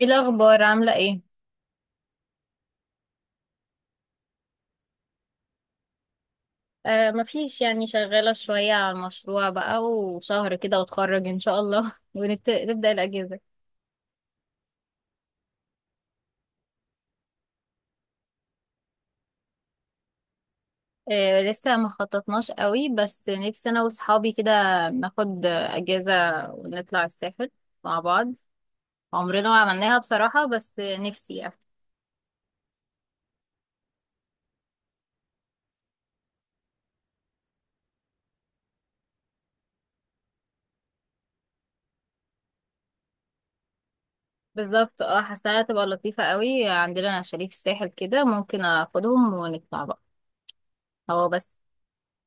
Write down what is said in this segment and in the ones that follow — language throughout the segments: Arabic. ايه الاخبار؟ عامله ايه؟ آه، مفيش، يعني شغاله شويه على المشروع بقى، وشهر كده واتخرج ان شاء الله ونبدا الاجازه. آه، لسه ما خططناش قوي، بس نفسي انا واصحابي كده ناخد اجازه ونطلع الساحل مع بعض، عمرنا ما عملناها بصراحه، بس نفسي يعني. بالظبط، حاساها تبقى لطيفه قوي، عندنا شاليه في الساحل كده ممكن اخدهم ونطلع بقى، هو بس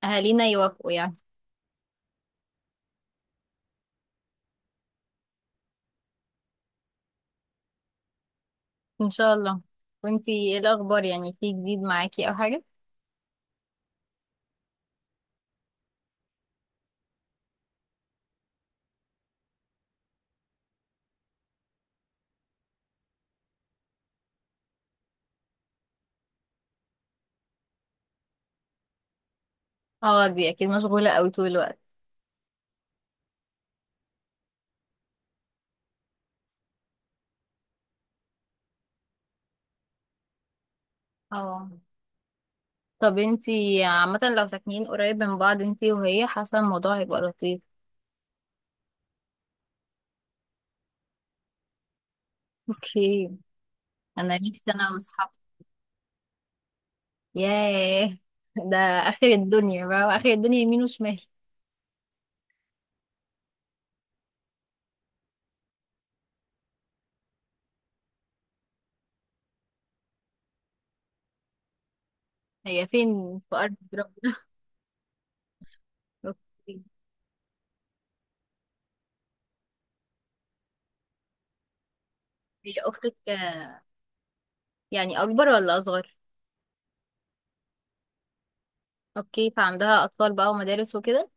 اهالينا يوافقوا يعني. ان شاء الله. وانتي ايه الاخبار؟ يعني في جديد معاكي او حاجه؟ اه، دي اكيد مشغولة قوي طول الوقت. اه، طب انتي عامة لو ساكنين قريب من بعض انتي وهي، حاسة الموضوع هيبقى لطيف. اوكي. انا نفسي انا واصحابي. ياه، ده اخر الدنيا بقى، واخر الدنيا يمين وشمال. هي فين في ارض ربنا؟ اوكي. هي اختك، يعني اكبر ولا اصغر؟ اوكي، فعندها اطفال بقى ومدارس وكده.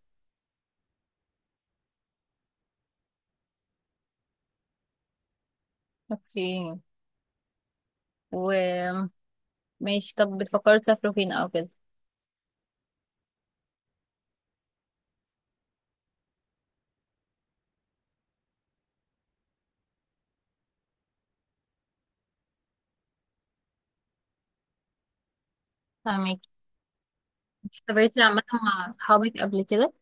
اوكي، وماشي. طب بتفكروا تسافروا فين او كده؟ فاهمك. سافرتي عامة مع صحابك قبل كده؟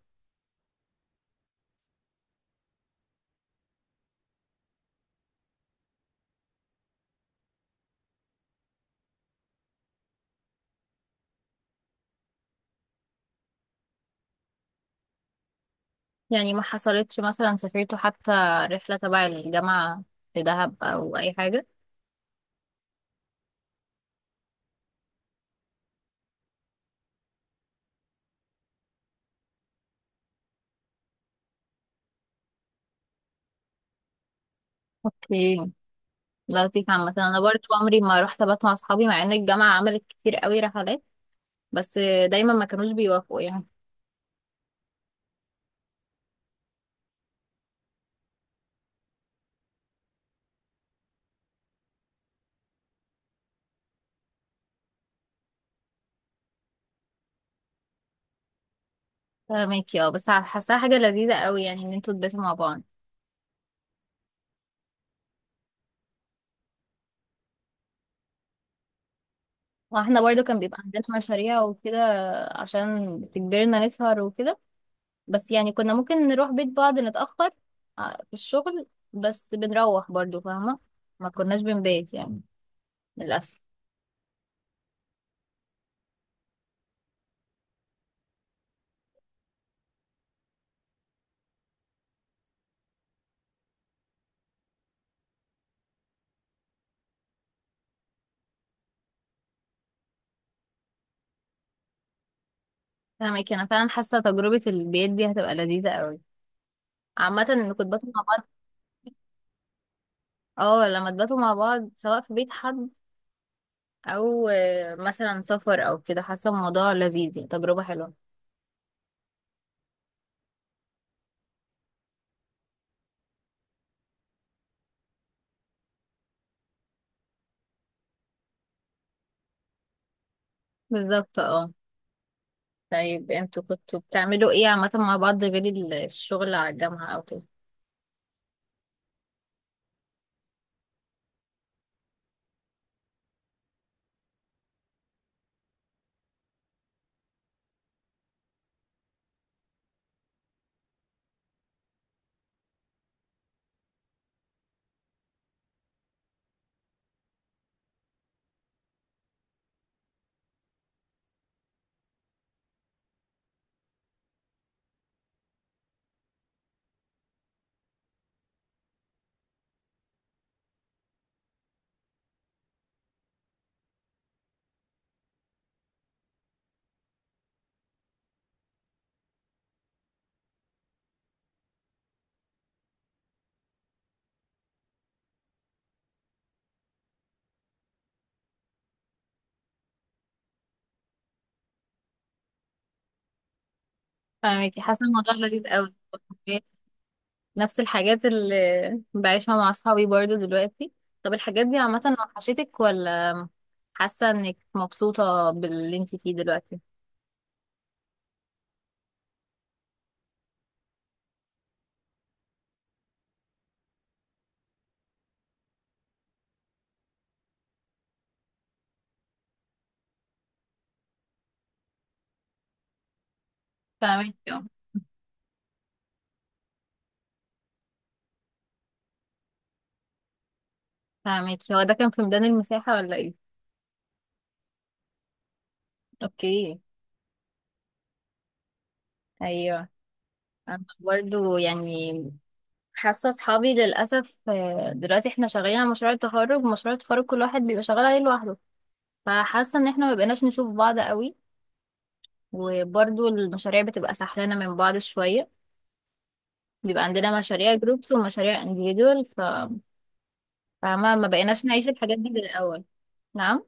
يعني ما حصلتش مثلا سافرتوا حتى رحلة تبع الجامعة لدهب أو أي حاجة؟ اوكي، لطيف عامة. أنا برضو عمري ما رحت أبات مع أصحابي، مع إن الجامعة عملت كتير قوي رحلات، بس دايما ما كانوش بيوافقوا يعني. فاهمك. اه، بس حاساها حاجة لذيذة قوي يعني، إن انتوا تباتوا مع بعض. واحنا برضو كان بيبقى عندنا مشاريع وكده، عشان بتجبرنا نسهر وكده، بس يعني كنا ممكن نروح بيت بعض نتأخر في الشغل، بس بنروح برضو، فاهمة، ما كناش بنبات يعني، للأسف. فاهمك، انا فعلا حاسه تجربه البيت دي هتبقى لذيذه قوي، عامه ان كنت باتوا مع بعض. اه، لما تباتوا مع بعض، سواء في بيت حد او مثلا سفر او كده، حاسه الموضوع لذيذ، يعني تجربه حلوه. بالظبط، طيب انتوا كنتوا بتعملوا ايه عامه مع بعض غير الشغل على الجامعه او كده؟ فاهمك، حاسه الموضوع لذيذ قوي. نفس الحاجات اللي بعيشها مع اصحابي برضو دلوقتي. طب الحاجات دي عامه وحشتك، ولا حاسه انك مبسوطه باللي انت فيه دلوقتي؟ فاهمك. اه فاهمك. هو ده كان في ميدان المساحة ولا ايه؟ اوكي. ايوه. انا برضو يعني حاسة اصحابي للأسف، دلوقتي احنا شغالين على مشروع التخرج، مشروع التخرج كل واحد بيبقى شغال عليه لوحده، فحاسة ان احنا ما بقيناش نشوف بعض قوي، وبرضو المشاريع بتبقى سحلانة من بعض شوية، بيبقى عندنا مشاريع جروبس ومشاريع انديفيدوال فما ما بقيناش نعيش الحاجات دي زي الأول. نعم.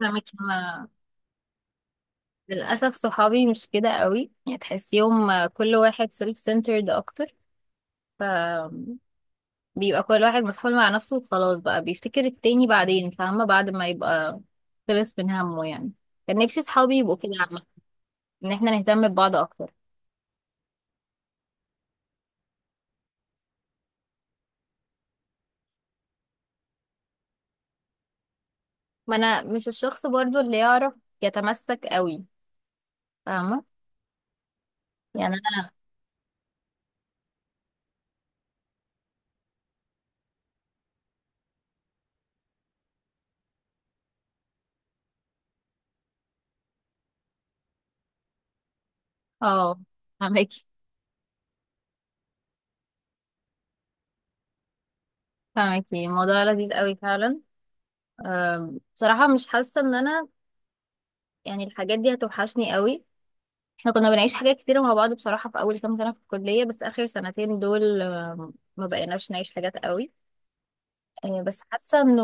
فاهمك، انا للأسف صحابي مش كده قوي، يعني تحسيهم كل واحد سيلف سنترد أكتر، ف بيبقى كل واحد مسحول مع نفسه وخلاص بقى، بيفتكر التاني بعدين فاهمة، بعد ما يبقى خلص من همه يعني. كان نفسي صحابي يبقوا كده عامة، إن احنا نهتم ببعض أكتر. ما أنا مش الشخص برضو اللي يعرف يتمسك قوي، فاهمة، يعني أنا. اه، فاهمكي فاهمكي الموضوع لذيذ قوي فعلا. بصراحة مش حاسة إن أنا يعني الحاجات دي هتوحشني قوي. احنا كنا بنعيش حاجات كتيرة مع بعض بصراحة، في أول كام سنة في الكلية، بس آخر سنتين دول، ما بقيناش نعيش حاجات قوي. بس حاسة انه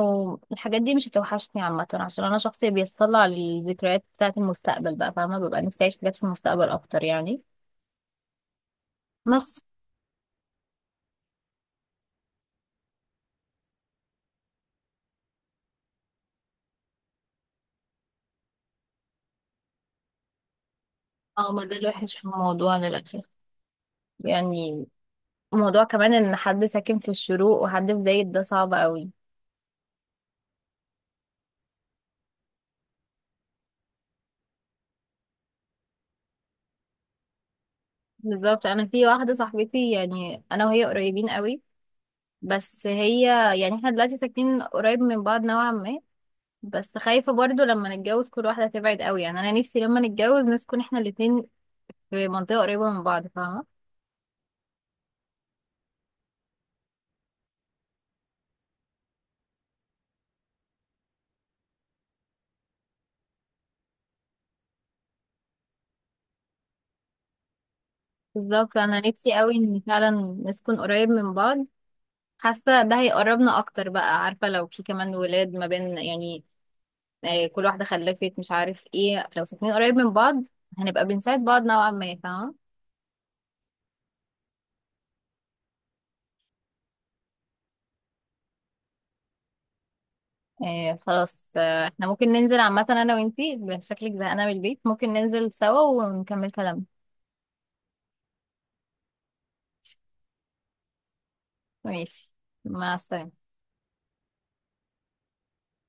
الحاجات دي مش هتوحشني عامة، عشان أنا شخص بيتطلع للذكريات بتاعة المستقبل بقى فاهمة، ببقى نفسي أعيش حاجات في المستقبل أكتر يعني. بس اه، ما ده الوحش في الموضوع للأسف، يعني موضوع كمان ان حد ساكن في الشروق وحد في زايد، ده صعب قوي. بالظبط، انا في واحدة صاحبتي يعني انا وهي قريبين قوي، بس هي يعني احنا دلوقتي ساكنين قريب من بعض نوعا ما، بس خايفة برضو لما نتجوز كل واحدة تبعد قوي، يعني انا نفسي لما نتجوز نسكن احنا الاتنين في منطقة قريبة من بعض، فاهمة. بالظبط، انا نفسي قوي ان فعلا نسكن قريب من بعض، حاسة ده هيقربنا اكتر بقى، عارفة لو في كمان ولاد ما بين يعني كل واحدة خلفت مش عارف ايه، لو ساكنين قريب من بعض هنبقى بنساعد بعض نوعا ما، فاهمة. إيه، خلاص، احنا ممكن ننزل عامة انا وانتي، شكلك زهقانة من البيت ممكن ننزل سوا ونكمل كلامنا. ماشي. مع السلامة.